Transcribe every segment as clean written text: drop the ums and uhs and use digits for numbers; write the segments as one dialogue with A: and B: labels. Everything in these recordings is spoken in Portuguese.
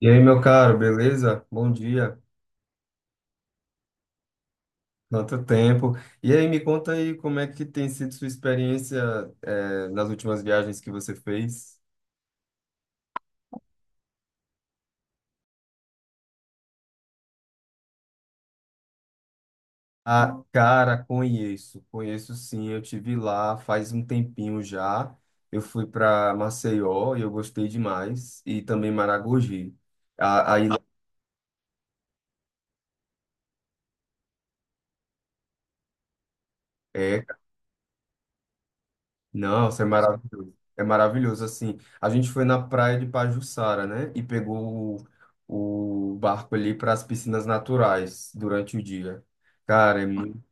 A: E aí, meu caro, beleza? Bom dia. Quanto tempo. E aí, me conta aí como é que tem sido sua experiência, nas últimas viagens que você fez? Ah, cara, conheço, conheço sim. Eu tive lá faz um tempinho já. Eu fui para Maceió e eu gostei demais. E também Maragogi. A- Aí, Ah, é, Nossa, é maravilhoso. É maravilhoso, assim. A gente foi na praia de Pajuçara, né? E pegou o barco ali para as piscinas naturais durante o dia. Cara, é muito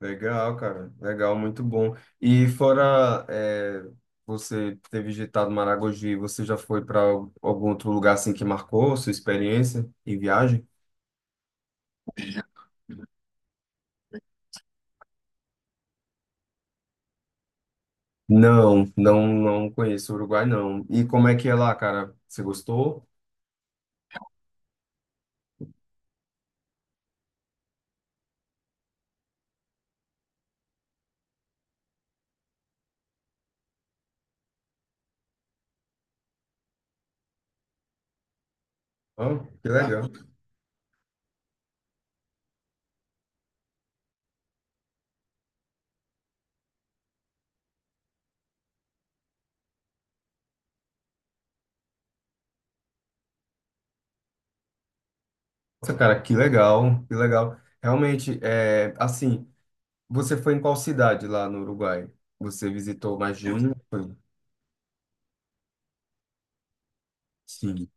A: legal, cara. Legal, muito bom. E fora, é, você ter visitado Maragogi, você já foi para algum outro lugar assim que marcou sua experiência em viagem? Não, não, não conheço o Uruguai, não. E como é que é lá, cara? Você gostou? Ah, que legal. Nossa, cara, que legal, que legal. Realmente, é, assim, você foi em qual cidade lá no Uruguai? Você visitou mais de um? Foi? Sim.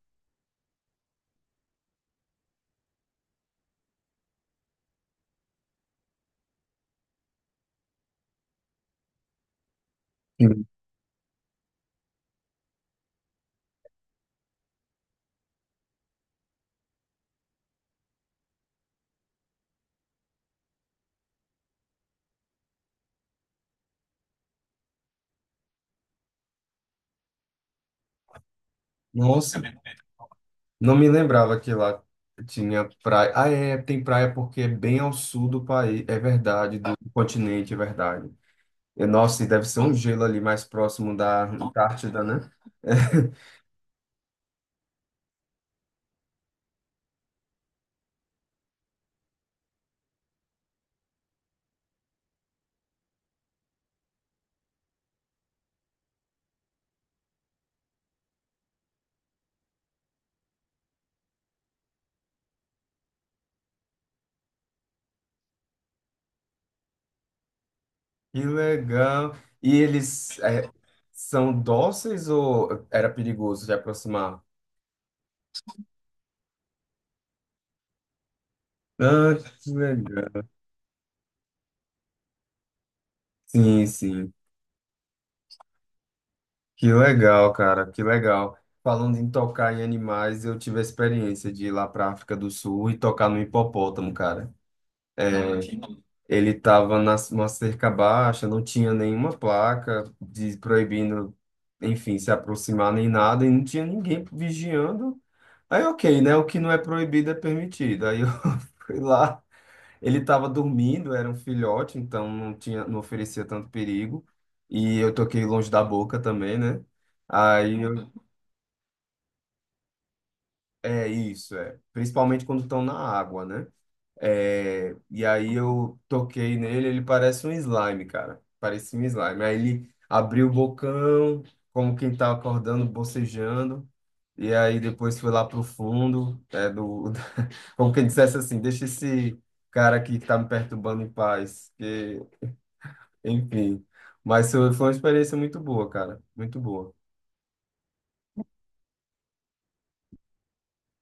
A: Sim. Nossa, não me lembrava que lá tinha praia. Ah, é, tem praia porque é bem ao sul do país, é verdade, do continente, é verdade. E, nossa, e deve ser um gelo ali mais próximo da Antártida, né? Que legal. E eles é, são dóceis ou era perigoso de aproximar? Ah, que legal. Sim, sim. Que legal, cara, que legal. Falando em tocar em animais, eu tive a experiência de ir lá para África do Sul e tocar no hipopótamo, cara. É, ele estava numa cerca baixa, não tinha nenhuma placa de proibindo, enfim, se aproximar nem nada, e não tinha ninguém vigiando. Aí, ok, né? O que não é proibido é permitido. Aí eu fui lá. Ele estava dormindo, era um filhote, então não tinha, não oferecia tanto perigo. E eu toquei longe da boca também, né? Aí eu, é isso, é. Principalmente quando estão na água, né? É, e aí eu toquei nele, ele parece um slime, cara. Parecia um slime. Aí ele abriu o bocão, como quem tá acordando, bocejando. E aí depois foi lá pro fundo, é, do, como quem dissesse assim, deixa esse cara aqui que tá me perturbando em paz, que enfim. Mas foi uma experiência muito boa, cara. Muito boa.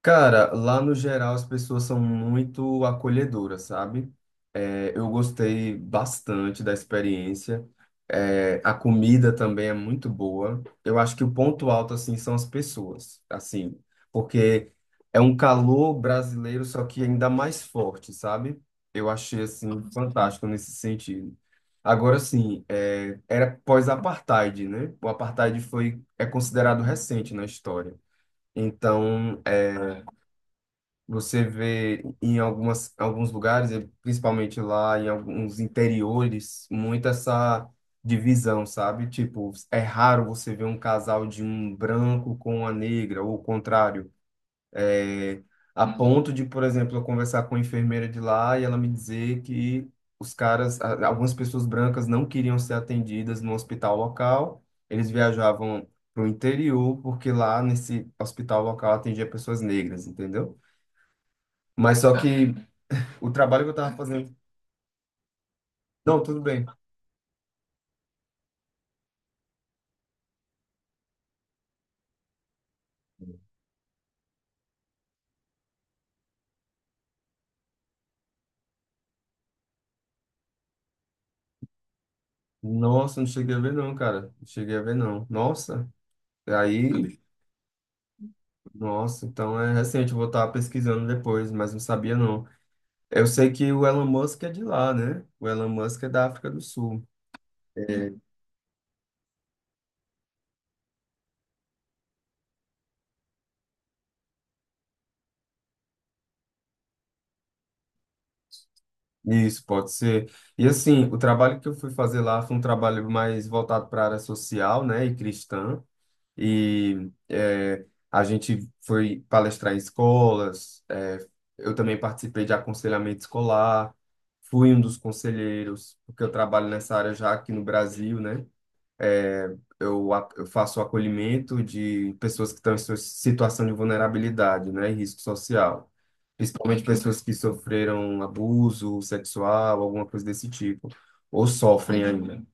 A: Cara, lá no geral as pessoas são muito acolhedoras, sabe? É, eu gostei bastante da experiência. É, a comida também é muito boa. Eu acho que o ponto alto, assim, são as pessoas, assim, porque é um calor brasileiro, só que ainda mais forte, sabe? Eu achei, assim, fantástico nesse sentido. Agora, sim, é, era pós-apartheid, né? O apartheid foi, é considerado recente na história. Então, é, você vê em algumas, alguns lugares, e principalmente lá em alguns interiores, muito essa divisão, sabe? Tipo, é raro você ver um casal de um branco com uma negra, ou o contrário. É, a ponto de, por exemplo, eu conversar com a enfermeira de lá e ela me dizer que os caras, a- algumas pessoas brancas não queriam ser atendidas no hospital local, eles viajavam para o interior, porque lá nesse hospital local atendia pessoas negras, entendeu? Mas só que o trabalho que eu tava fazendo. Não, tudo bem. Nossa, não cheguei a ver, não, cara. Não cheguei a ver, não. Nossa. Aí, nossa, então é recente. Eu vou estar pesquisando depois, mas não sabia, não. Eu sei que o Elon Musk é de lá, né? O Elon Musk é da África do Sul. É, isso, pode ser. E assim, o trabalho que eu fui fazer lá foi um trabalho mais voltado para a área social, né, e cristã. E é, a gente foi palestrar em escolas. É, eu também participei de aconselhamento escolar, fui um dos conselheiros, porque eu trabalho nessa área já aqui no Brasil, né? Eu faço acolhimento de pessoas que estão em sua situação de vulnerabilidade, né, e risco social. Principalmente pessoas que sofreram abuso sexual, alguma coisa desse tipo, ou sofrem uhum ainda.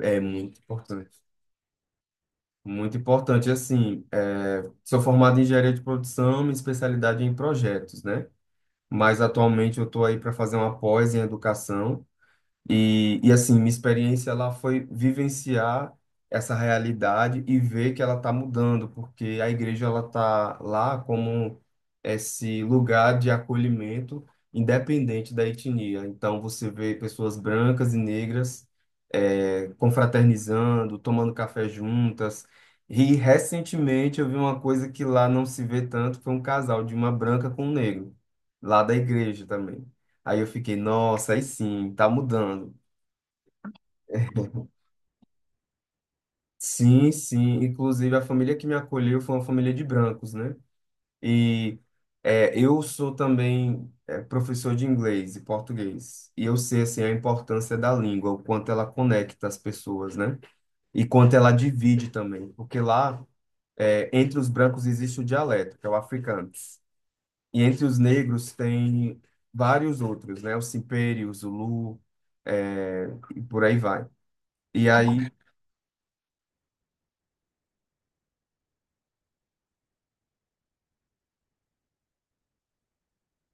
A: É muito importante. Muito importante, assim, é, sou formado em engenharia de produção, minha especialidade é em projetos, né? Mas atualmente eu estou aí para fazer uma pós em educação, e assim, minha experiência lá foi vivenciar essa realidade e ver que ela está mudando, porque a igreja ela está lá como esse lugar de acolhimento independente da etnia. Então você vê pessoas brancas e negras confraternizando, tomando café juntas. E recentemente eu vi uma coisa que lá não se vê tanto, foi um casal de uma branca com um negro, lá da igreja também. Aí eu fiquei, nossa, aí sim, tá mudando. Sim, sim. Inclusive, a família que me acolheu foi uma família de brancos, né? E é, eu sou também é, professor de inglês e português. E eu sei, assim, a importância da língua, o quanto ela conecta as pessoas, né? E quanto ela divide também. Porque lá, é, entre os brancos, existe o dialeto, que é o africano. E entre os negros tem vários outros, né? O simperi, o zulu, é, e por aí vai. E aí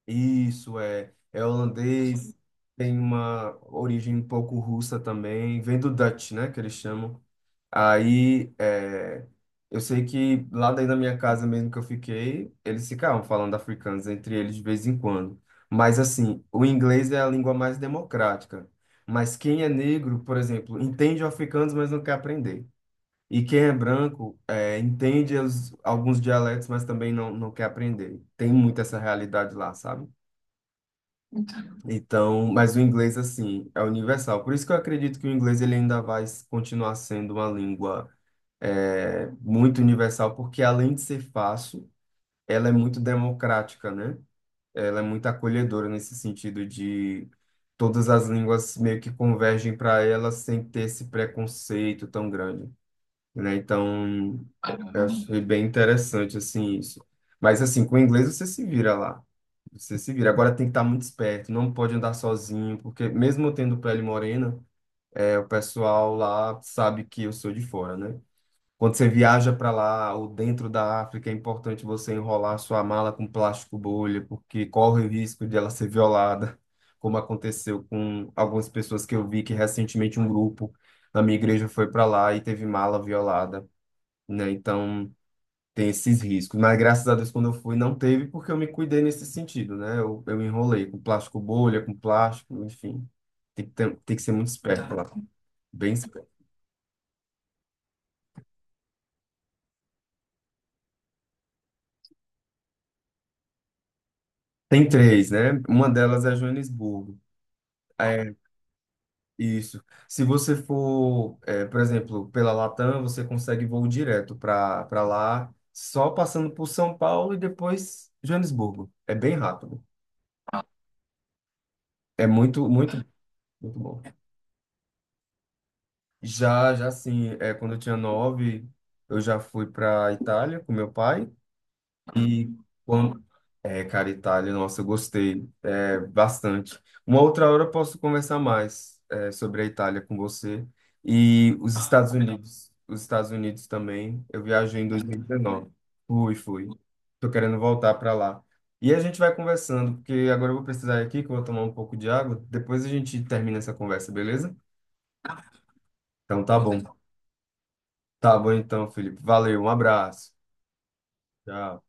A: isso é, é holandês, tem uma origem um pouco russa também, vem do Dutch, né, que eles chamam. Aí, é, eu sei que lá daí na minha casa mesmo que eu fiquei, eles ficavam falando africanos entre eles de vez em quando. Mas assim, o inglês é a língua mais democrática. Mas quem é negro, por exemplo, entende o africano, mas não quer aprender. E quem é branco, é, entende alguns dialetos, mas também não, não quer aprender. Tem muito essa realidade lá, sabe? Então, mas o inglês, assim, é universal. Por isso que eu acredito que o inglês ele ainda vai continuar sendo uma língua é, muito universal, porque além de ser fácil, ela é muito democrática, né? Ela é muito acolhedora nesse sentido de todas as línguas meio que convergem para ela sem ter esse preconceito tão grande, né? Então, eu achei bem interessante, assim, isso. Mas, assim, com o inglês você se vira lá. Você se vira. Agora tem que estar muito esperto, não pode andar sozinho, porque mesmo eu tendo pele morena, é, o pessoal lá sabe que eu sou de fora, né? Quando você viaja para lá ou dentro da África, é importante você enrolar sua mala com plástico bolha, porque corre o risco de ela ser violada, como aconteceu com algumas pessoas que eu vi que recentemente um grupo na minha igreja foi para lá e teve mala violada, né? Então tem esses riscos. Mas graças a Deus, quando eu fui, não teve, porque eu me cuidei nesse sentido, né? Eu enrolei com plástico bolha, com plástico, enfim. Tem que ser muito esperto lá. Bem esperto. Tem três, né? Uma delas é Joanesburgo. É, isso. Se você for, é, por exemplo, pela Latam, você consegue voo direto para lá, só passando por São Paulo e depois Joanesburgo. É bem rápido. É muito, muito, muito bom. Já, já sim. É, quando eu tinha nove, eu já fui para Itália com meu pai. E quando. É, cara, Itália, nossa, eu gostei é, bastante. Uma outra hora eu posso conversar mais é, sobre a Itália com você. E os Estados Unidos. Os Estados Unidos também. Eu viajei em 2019. Fui, fui. Tô querendo voltar para lá. E a gente vai conversando, porque agora eu vou precisar ir aqui, que eu vou tomar um pouco de água. Depois a gente termina essa conversa, beleza? Então tá bom. Tá bom então, Felipe. Valeu, um abraço. Tchau.